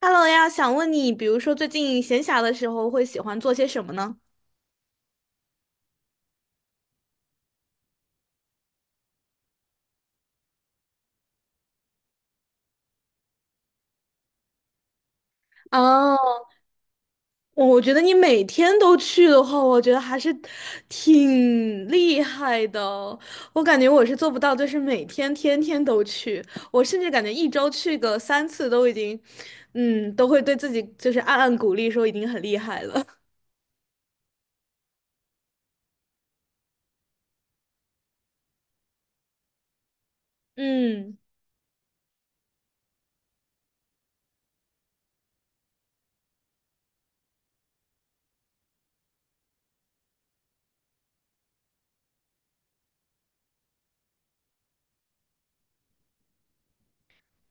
Hello 呀，想问你，比如说最近闲暇的时候会喜欢做些什么呢？哦，我觉得你每天都去的话，我觉得还是挺厉害的哦。我感觉我是做不到，就是每天天天都去，我甚至感觉一周去个三次都已经，都会对自己就是暗暗鼓励，说已经很厉害了。嗯。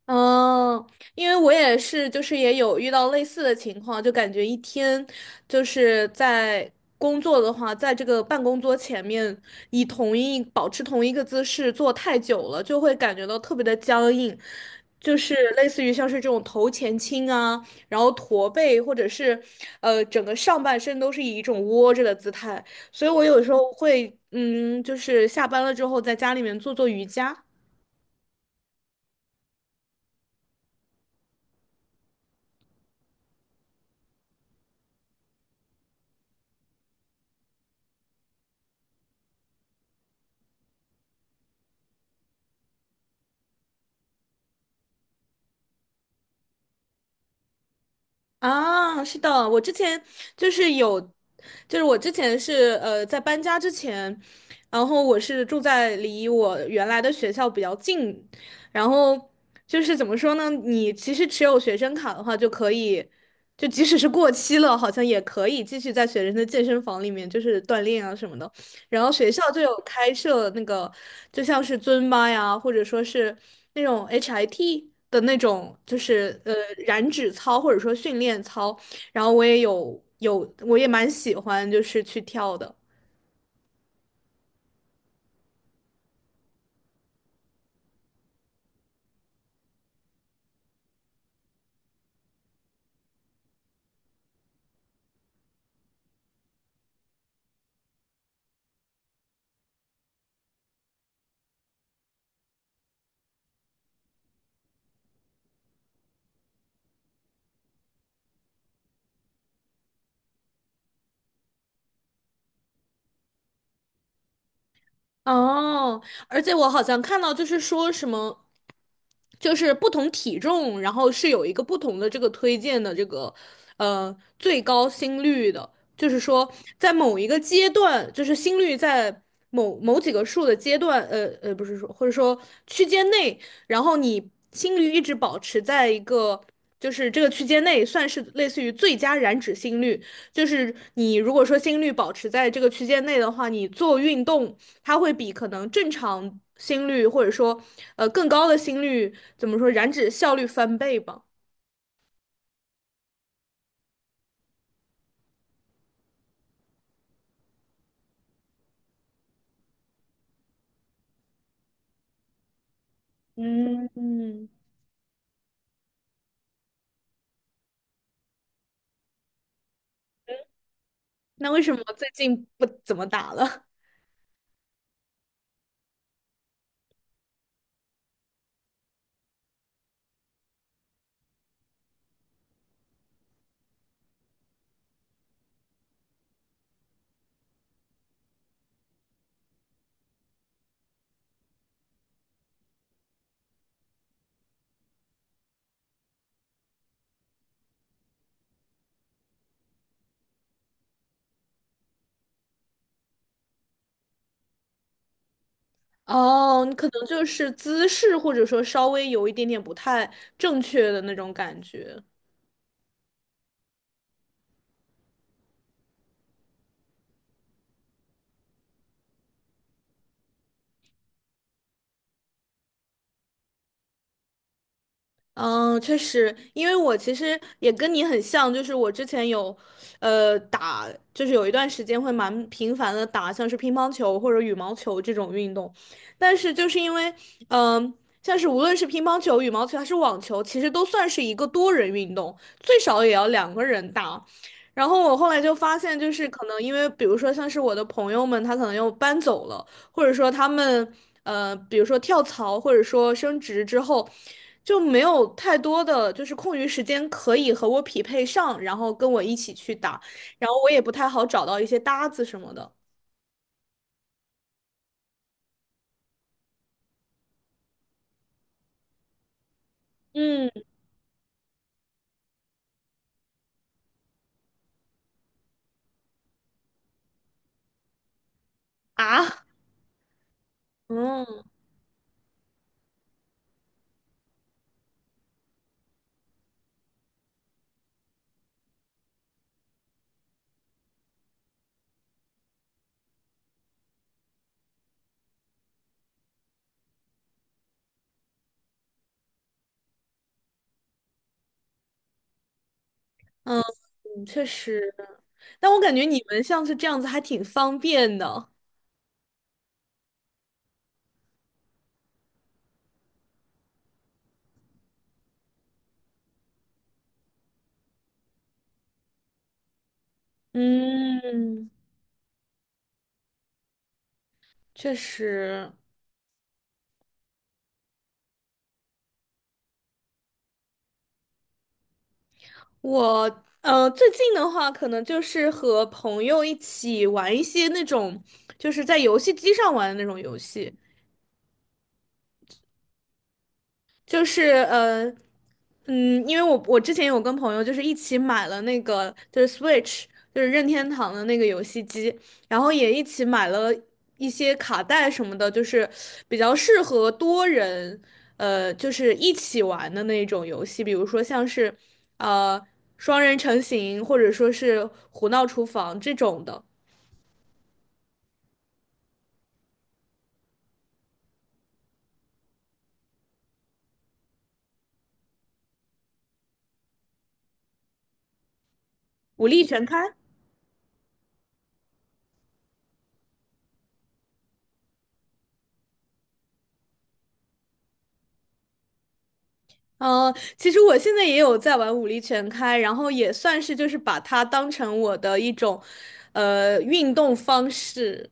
嗯，因为我也是，就是也有遇到类似的情况，就感觉一天就是在工作的话，在这个办公桌前面，以同一保持同一个姿势坐太久了，就会感觉到特别的僵硬，就是类似于像是这种头前倾啊，然后驼背，或者是整个上半身都是以一种窝着的姿态，所以我有时候会就是下班了之后在家里面做做瑜伽。啊，是的，我之前就是有，就是我之前是在搬家之前，然后我是住在离我原来的学校比较近，然后就是怎么说呢，你其实持有学生卡的话就可以，就即使是过期了，好像也可以继续在学生的健身房里面就是锻炼啊什么的。然后学校就有开设那个，就像是尊巴呀，或者说是那种 HIT 的那种，就是燃脂操或者说训练操。然后我也蛮喜欢，就是去跳的。哦，而且我好像看到就是说什么。就是不同体重，然后是有一个不同的这个推荐的这个最高心率的，就是说在某一个阶段，就是心率在某某几个数的阶段，不是说或者说区间内，然后你心率一直保持在一个。就是这个区间内算是类似于最佳燃脂心率，就是你如果说心率保持在这个区间内的话，你做运动它会比可能正常心率或者说更高的心率怎么说燃脂效率翻倍吧。嗯嗯，那为什么最近不怎么打了？哦，你可能就是姿势或者说稍微有一点点不太正确的那种感觉。嗯，确实，因为我其实也跟你很像，就是我之前有，呃，打，就是有一段时间会蛮频繁的打，像是乒乓球或者羽毛球这种运动，但是就是因为，嗯、像是无论是乒乓球、羽毛球还是网球，其实都算是一个多人运动，最少也要两个人打。然后我后来就发现，就是可能因为，比如说像是我的朋友们，他可能又搬走了。或者说他们比如说跳槽或者说升职之后，就没有太多的就是空余时间可以和我匹配上，然后跟我一起去打，然后我也不太好找到一些搭子什么的。嗯啊，嗯嗯，确实，但我感觉你们像是这样子还挺方便的。嗯，确实。我最近的话，可能就是和朋友一起玩一些那种，就是在游戏机上玩的那种游戏。就是因为我之前有跟朋友就是一起买了那个就是 Switch，就是任天堂的那个游戏机，然后也一起买了一些卡带什么的，就是比较适合多人，就是一起玩的那种游戏，比如说像是呃双人成行，或者说是胡闹厨房这种的，武力全开。嗯，其实我现在也有在玩武力全开，然后也算是就是把它当成我的一种，运动方式。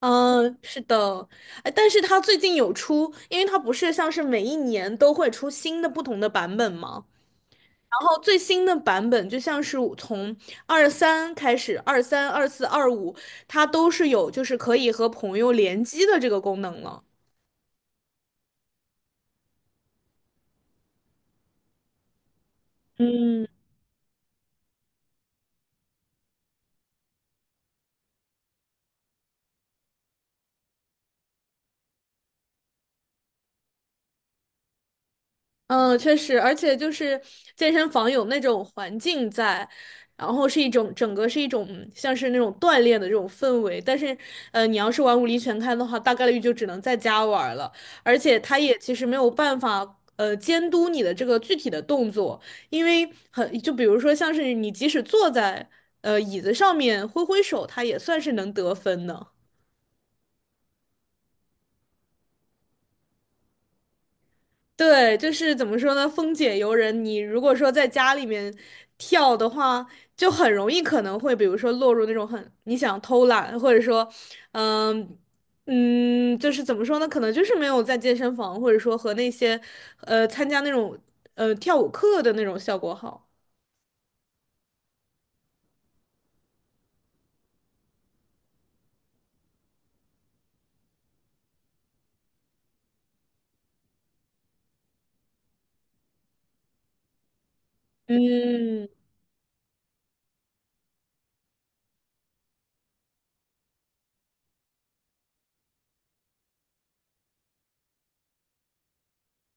嗯，是的，哎，但是它最近有出，因为它不是像是每一年都会出新的不同的版本吗？然后最新的版本就像是从二三开始，二三、二四、二五，它都是有就是可以和朋友联机的这个功能了。嗯。嗯，确实，而且就是健身房有那种环境在，然后是一种整个是一种像是那种锻炼的这种氛围。但是，你要是玩武力全开的话，大概率就只能在家玩了。而且，他也其实没有办法监督你的这个具体的动作，因为就比如说像是你即使坐在椅子上面挥挥手，它也算是能得分的。对，就是怎么说呢？风解游人，你如果说在家里面跳的话，就很容易可能会，比如说落入那种很你想偷懒，或者说，嗯嗯，就是怎么说呢？可能就是没有在健身房，或者说和那些参加那种跳舞课的那种效果好。嗯，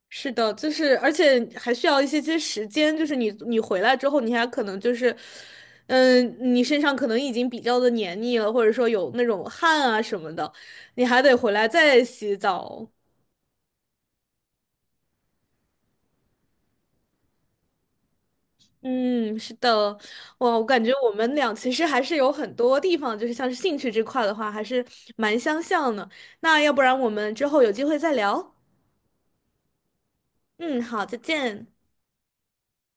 是的，就是而且还需要一些时间，就是你回来之后，你还可能就是，你身上可能已经比较的黏腻了，或者说有那种汗啊什么的，你还得回来再洗澡。嗯，是的，哇，我感觉我们俩其实还是有很多地方，就是像是兴趣这块的话，还是蛮相像的。那要不然我们之后有机会再聊。嗯，好，再见。